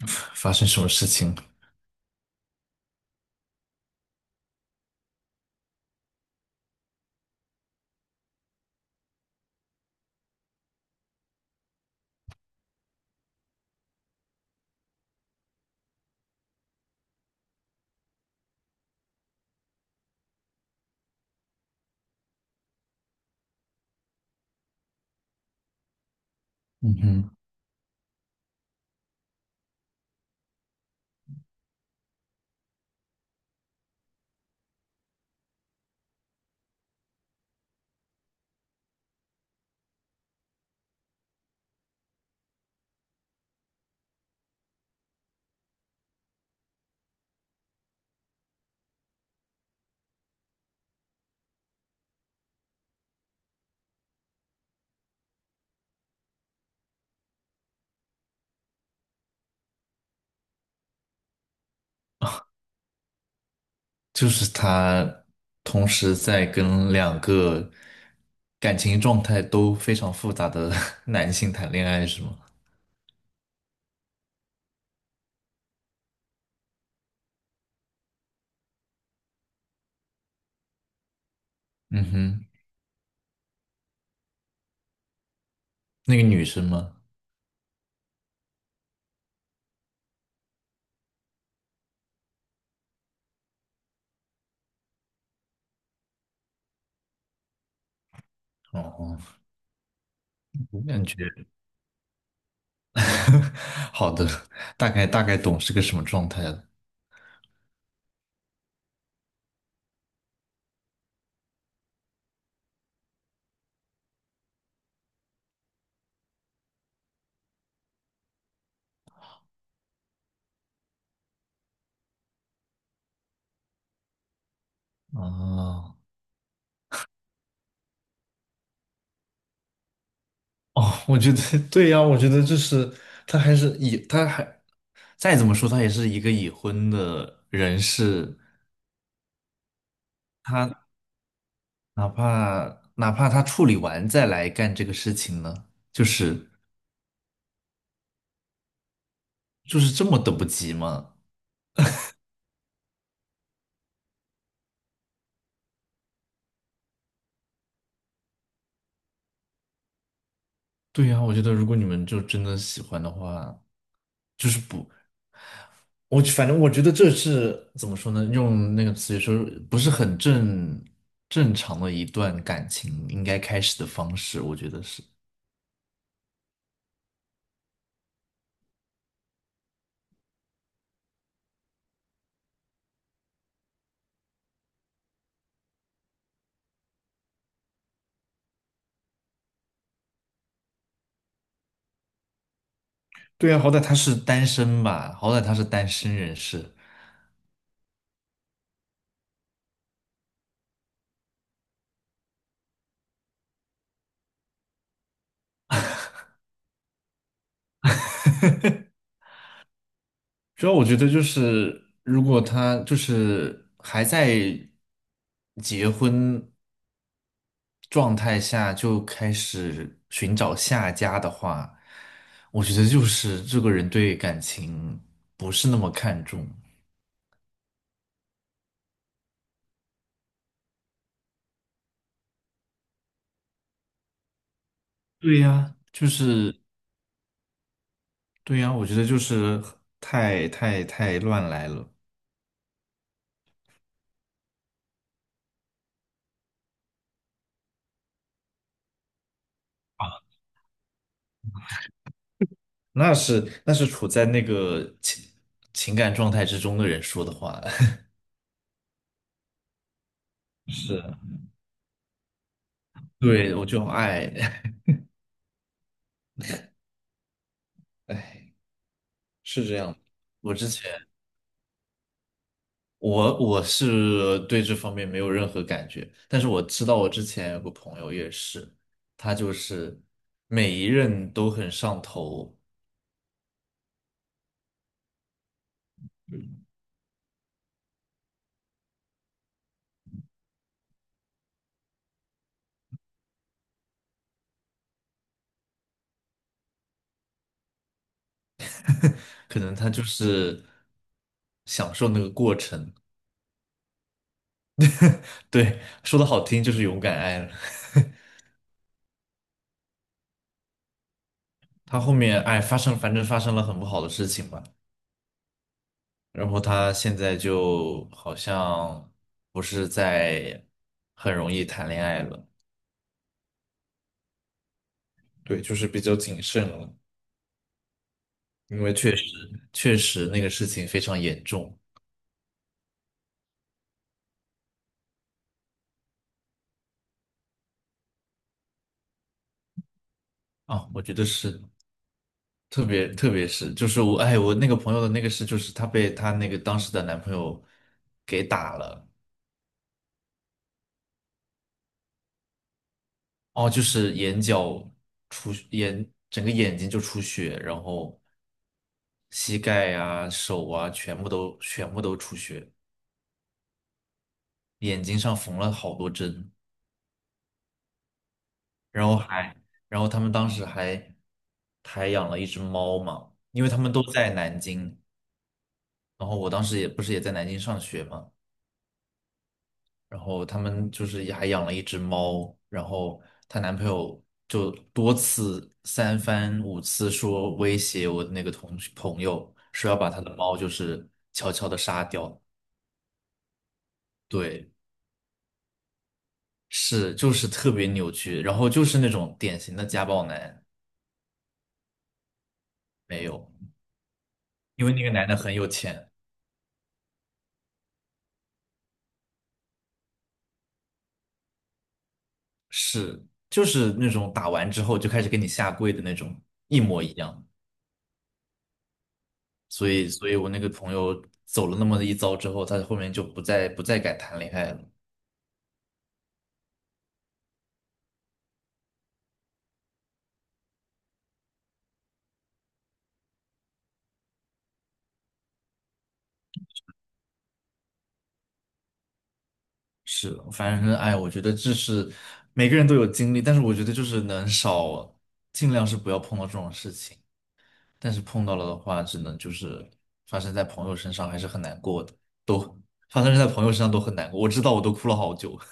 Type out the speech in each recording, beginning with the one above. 发生什么事情？嗯哼。就是他同时在跟两个感情状态都非常复杂的 男性谈恋爱，是吗？嗯哼。那个女生吗？哦，我感觉 好的，大概懂是个什么状态了。哦哦，我觉得对呀，我觉得就是他还是已，他还再怎么说，他也是一个已婚的人士，他哪怕他处理完再来干这个事情呢，就是就是这么等不及吗？对呀，我觉得如果你们就真的喜欢的话，就是不，我反正我觉得这是怎么说呢？用那个词语说，不是很正常的一段感情应该开始的方式，我觉得是。对呀，好歹他是单身吧，好歹他是单身人士。主要我觉得就是，如果他就是还在结婚状态下就开始寻找下家的话，我觉得就是这个人对感情不是那么看重。对呀，就是对呀，我觉得就是太乱来了。那是处在那个情感状态之中的人说的话，是，对，我就爱，哎。是这样的，我之前我是对这方面没有任何感觉，但是我知道我之前有个朋友也是，他就是每一任都很上头，可能他就是享受那个过程。对，说的好听就是勇敢爱了。他后面哎发生，反正发生了很不好的事情吧，然后他现在就好像不是在很容易谈恋爱了。对，就是比较谨慎了。因为确实那个事情非常严重啊。我觉得是，特别是就是我哎我那个朋友的那个事，就是她被她那个当时的男朋友给打了。哦，就是眼角出眼整个眼睛就出血，然后膝盖啊、手啊全部都出血，眼睛上缝了好多针，然后还然后他们当时还还养了一只猫嘛，因为他们都在南京。然后我当时也不是也在南京上学嘛，然后他们就是也还养了一只猫，然后她男朋友就多次三番五次说威胁我的那个同学朋友，说要把他的猫就是悄悄的杀掉。对，是就是特别扭曲，然后就是那种典型的家暴男。没有，因为那个男的很有钱，是就是那种打完之后就开始给你下跪的那种，一模一样。所以，所以我那个朋友走了那么一遭之后，他后面就不再敢谈恋爱了。是的，反正哎，我觉得这是每个人都有经历，但是我觉得就是能少，尽量是不要碰到这种事情。但是碰到了的话，只能就是发生在朋友身上，还是很难过的，都发生在朋友身上都很难过。我知道，我都哭了好久。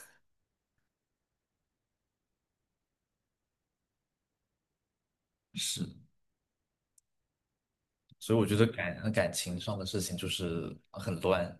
是，所以我觉得感情上的事情就是很乱。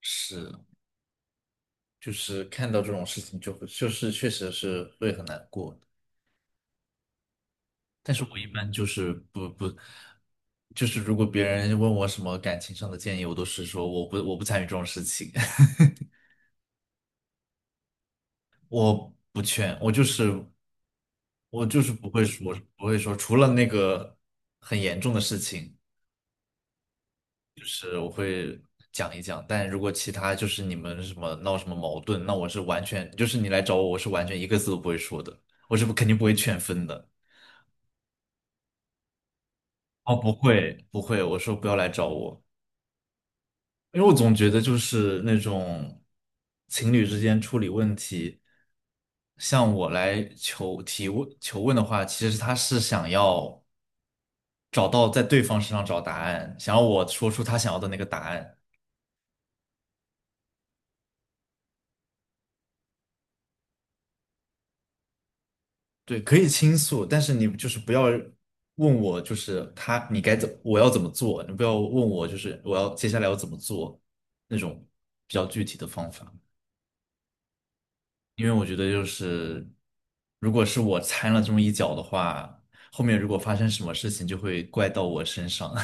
是，就是看到这种事情就会就是确实是会很难过。但是我一般就是不，就是如果别人问我什么感情上的建议，我都是说我不参与这种事情。不劝，我就是不会说，除了那个很严重的事情讲一讲，但如果其他就是你们什么闹什么矛盾，那我是完全就是你来找我，我是完全一个字都不会说的，我是不肯定不会劝分的。哦，不会不会，我说不要来找我。因为我总觉得就是那种情侣之间处理问题，向我来求提问求问的话，其实他是想要找到在对方身上找答案，想要我说出他想要的那个答案。对，可以倾诉，但是你就是不要问我，就是他你该怎我要怎么做，你不要问我就是我要接下来要怎么做那种比较具体的方法。因为我觉得就是，如果是我掺了这么一脚的话，后面如果发生什么事情，就会怪到我身上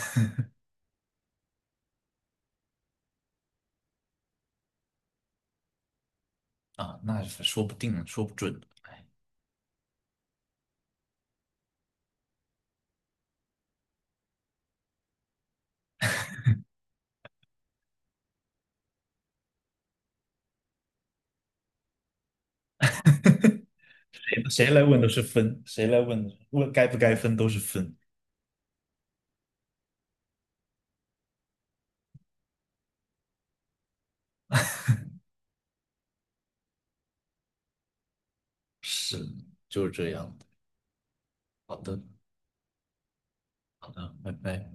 啊，那是说不定，说不准。哎，谁来问都是分，谁来问问该不该分都是分。是，就是这样的。好的，好的，拜拜。